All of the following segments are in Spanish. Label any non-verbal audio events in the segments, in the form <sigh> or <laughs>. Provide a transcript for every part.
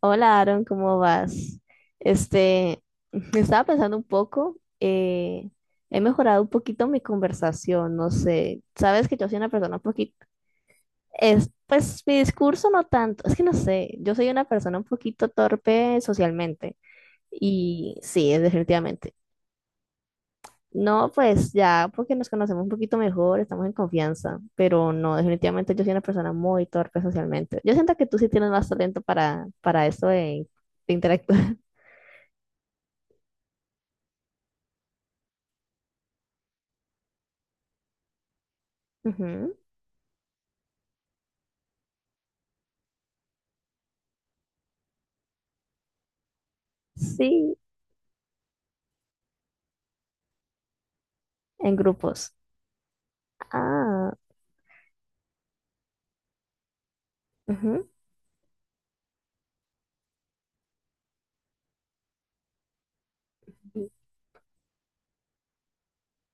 Hola Aaron, ¿cómo vas? Este, estaba pensando un poco, he mejorado un poquito mi conversación, no sé, sabes que yo soy una persona un poquito, es, pues mi discurso no tanto, es que no sé, yo soy una persona un poquito torpe socialmente y sí, es definitivamente. No, pues ya, porque nos conocemos un poquito mejor, estamos en confianza, pero no, definitivamente yo soy una persona muy torpe socialmente. Yo siento que tú sí tienes más talento para eso de interactuar. Ujú. Sí, en grupos. Ah, ujú.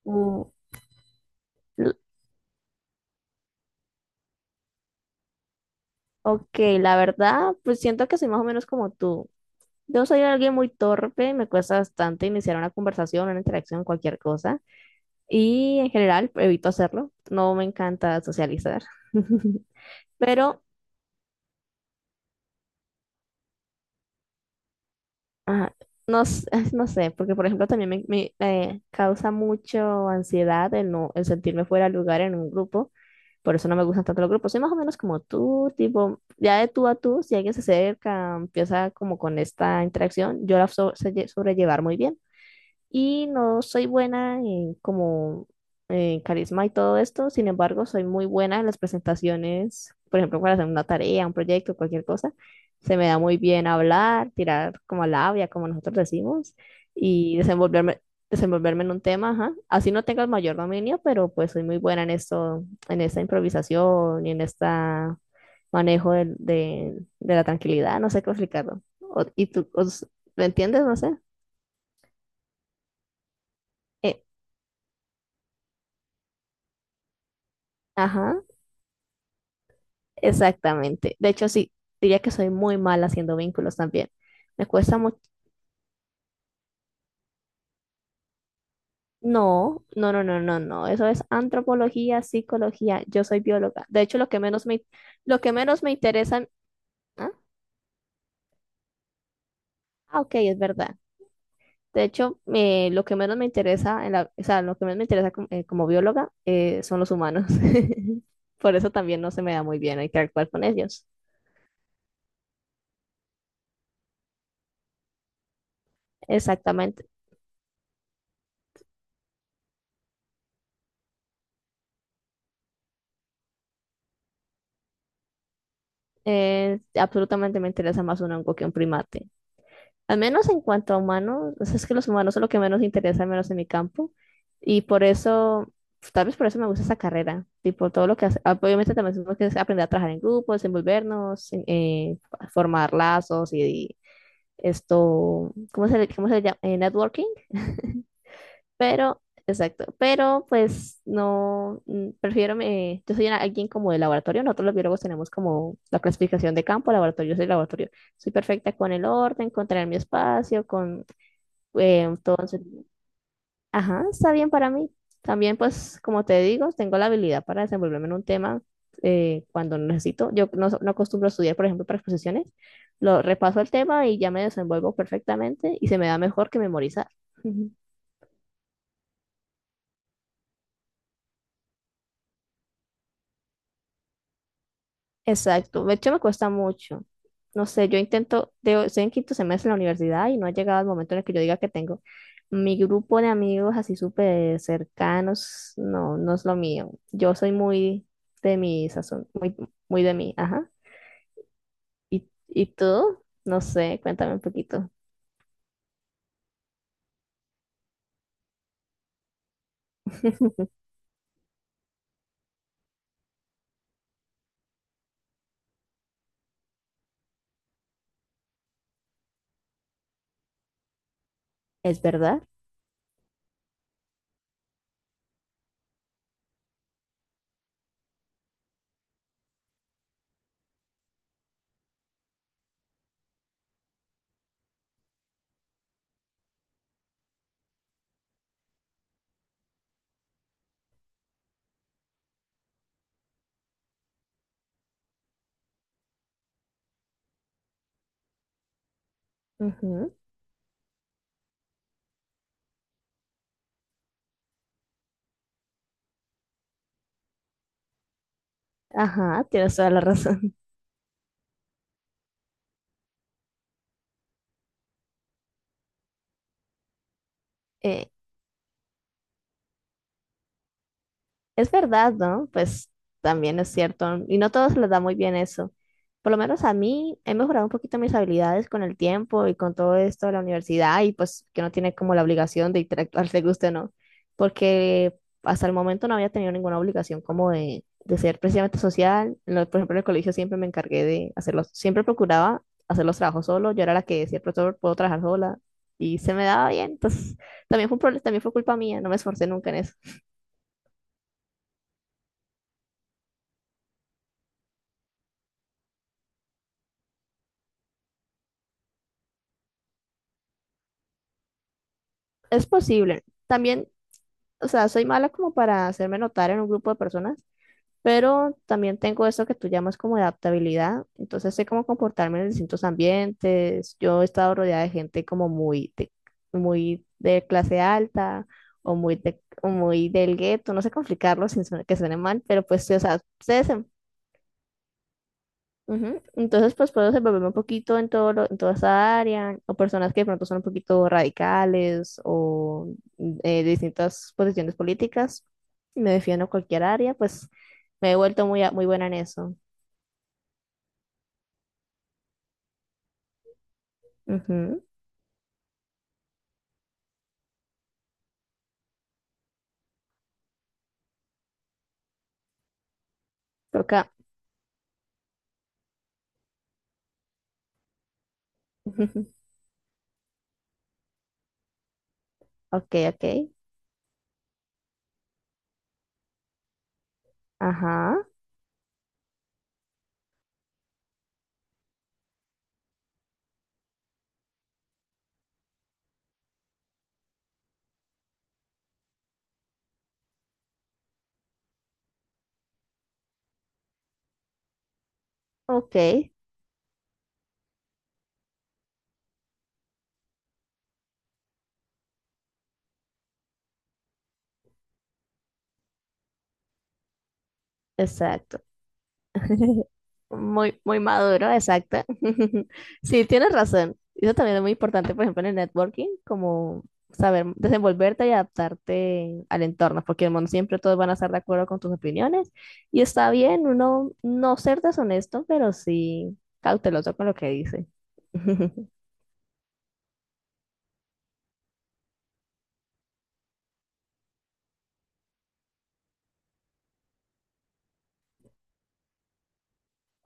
Uh, l- ok, la verdad, pues siento que soy más o menos como tú. Yo soy alguien muy torpe, me cuesta bastante iniciar una conversación, una interacción, cualquier cosa. Y en general, evito hacerlo. No me encanta socializar. <laughs> Pero ajá, no, s- <laughs> no sé, porque por ejemplo también me causa mucho ansiedad el, no, el sentirme fuera de lugar en un grupo, por eso no me gustan tanto los grupos, soy más o menos como tú, tipo, ya de tú a tú, si alguien se acerca, empieza como con esta interacción, yo la sé sobrellevar muy bien y no soy buena en como en carisma y todo esto, sin embargo, soy muy buena en las presentaciones, por ejemplo, para hacer una tarea, un proyecto, cualquier cosa. Se me da muy bien hablar, tirar como labia, como nosotros decimos, y desenvolverme en un tema, ajá. Así no tengo el mayor dominio, pero pues soy muy buena en esto, en esta improvisación y en esta manejo de la tranquilidad, no sé cómo explicarlo. O- ¿Y tú os- lo entiendes? No sé. Eh, ajá. Exactamente. De hecho, sí, diría que soy muy mala haciendo vínculos también. Me cuesta mucho. No, no, no, no, no, no. Eso es antropología, psicología. Yo soy bióloga. De hecho, lo que menos me interesan. Ah, ah, ok, es verdad. De hecho, lo que menos me interesa, en la, o sea, lo que menos me interesa como, como bióloga son los humanos. <laughs> Por eso también no se me da muy bien, hay que actuar con ellos. Exactamente. Absolutamente me interesa más un hongo que un primate. Al menos en cuanto a humanos, o sea, es que los humanos son lo que menos interesa, al menos en mi campo. Y por eso, pues, tal vez por eso me gusta esa carrera. Tipo, todo lo que hace, ah, obviamente también tenemos que aprender a trabajar en grupo, desenvolvernos, formar lazos y esto, cómo se le llama? Networking. Pero, exacto. Pero, pues, no, prefiero, me, alguien como de laboratorio. Nosotros los biólogos tenemos como la clasificación de campo, laboratorio, yo soy laboratorio. Soy perfecta con el orden, con tener mi espacio, con entonces, ajá, está bien para mí. También, pues, como te digo, tengo la habilidad para desenvolverme en un tema cuando necesito. Yo no, so- no acostumbro a estudiar, por ejemplo, para exposiciones. Lo repaso el tema y ya me desenvuelvo perfectamente y se me da mejor que memorizar. <laughs> Exacto, de hecho me cuesta mucho. No sé, yo intento, de, estoy en quinto semestre en la universidad y no ha llegado el momento en el que yo diga que tengo mi grupo de amigos así súper cercanos, no, no es lo mío. Yo soy muy de mi sazón, muy, muy de mí, ajá. Y tú? No sé, cuéntame un poquito. <laughs> ¿Es verdad? Ujú. Ajá, tienes toda la razón. <laughs> Eh, es verdad, ¿no? Pues también es cierto. Y no a todos les da muy bien eso. Por lo menos a mí he mejorado un poquito mis habilidades con el tiempo y con todo esto de la universidad y pues que no tiene como la obligación de interactuar, <laughs> te guste o no. Porque hasta el momento no había tenido ninguna obligación como de ser precisamente social. Por ejemplo, en el colegio siempre me encargué de hacerlos, siempre procuraba hacer los trabajos solo. Yo era la que decía, profesor, puedo trabajar sola. Y se me daba bien. Entonces, también fue un problema, también fue culpa mía. No me esforcé nunca en eso. Es posible. También, o sea, soy mala como para hacerme notar en un grupo de personas, pero también tengo eso que tú llamas como adaptabilidad. Entonces sé cómo comportarme en distintos ambientes. Yo he estado rodeada de gente como muy de clase alta o muy del gueto. No sé complicarlo sin que suene mal, pero pues, sí, o sea, se ujú. Entonces, pues puedo desenvolverme un poquito en en toda esa área, o personas que de pronto son un poquito radicales o de distintas posiciones políticas. Me defiendo en cualquier área, pues me he vuelto muy, muy buena en eso. Ujú. Toca. <laughs> Ok, ok. Ajá. Ok. Exacto. <laughs> Muy, muy maduro, exacto. <laughs> Sí, tienes razón. Eso también es muy importante, por ejemplo, en el networking, como saber desenvolverte y adaptarte al entorno, porque no siempre todos van a estar de acuerdo con tus opiniones. Y está bien uno no ser deshonesto, pero sí cauteloso con lo que dice. <laughs>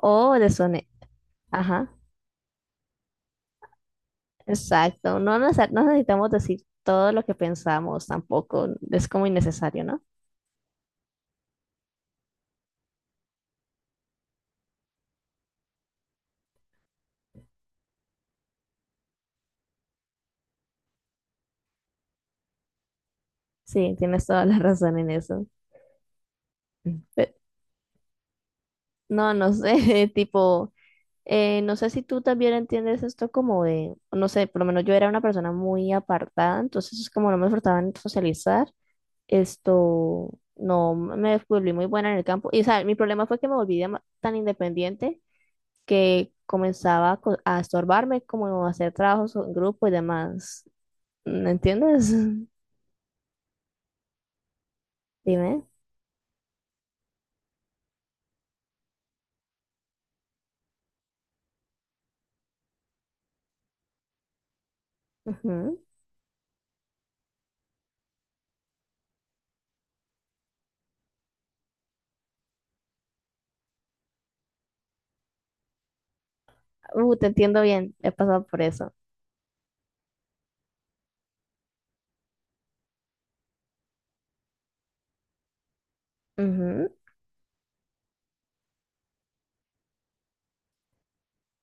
O deshonesto. Ajá, exacto. No necesitamos decir todo lo que pensamos tampoco. Es como innecesario, ¿no? Sí, tienes toda la <laughs> razón en eso. Pe- no, no sé, <laughs> tipo, no sé si tú también entiendes esto como de, no sé, por lo menos yo era una persona muy apartada, entonces es como no me en socializar, esto, no me volví muy buena en el campo. Y, o sea, mi problema fue que me volví tan independiente que comenzaba a, a estorbarme, como a hacer trabajos en grupo y demás. ¿Me entiendes? <laughs> Dime. Ujú. Te entiendo bien, he pasado por eso. Ujú,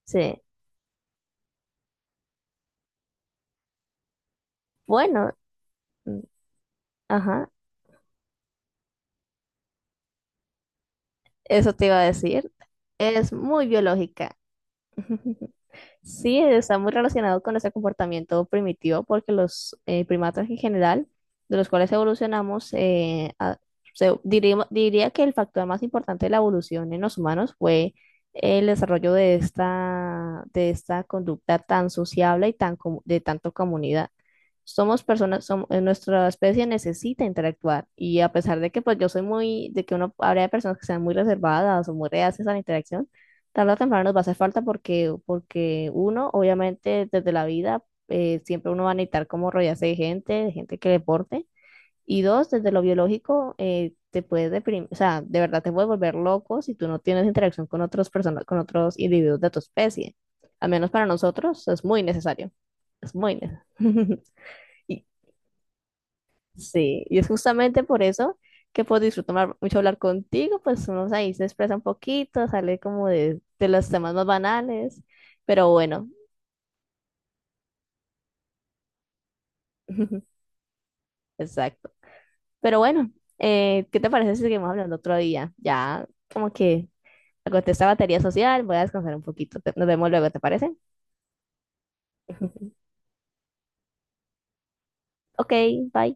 sí. Bueno, mm, ajá. Eso te iba a decir. Es muy biológica. <laughs> Sí, está muy relacionado con ese comportamiento primitivo porque los primatas en general, de los cuales evolucionamos, diría, que el factor más importante de la evolución en los humanos fue el desarrollo de esta conducta tan sociable y tan de tanto comunidad. Somos personas, nuestra especie necesita interactuar y a pesar de que pues yo soy muy, de que uno habría de personas que sean muy reservadas o muy reacias a la interacción, tarde o temprano nos va a hacer falta porque, porque uno, obviamente, desde la vida, siempre uno va a necesitar como rodearse de gente que deporte. Y dos, desde lo biológico, te puedes deprimir, o sea, de verdad te puedes volver loco si tú no tienes interacción con otras personas, con otros individuos de tu especie. Al menos para nosotros es muy necesario. Es muy necesario. <laughs> Sí, y es justamente por eso que puedo disfrutar mucho hablar contigo, pues uno ahí se expresa un poquito, sale como de los temas más banales, pero bueno, <laughs> exacto. Pero bueno, ¿qué te parece si seguimos hablando otro día? Ya como que agoté esta batería social, voy a descansar un poquito, nos vemos luego, ¿te parece? <laughs> Ok, bye.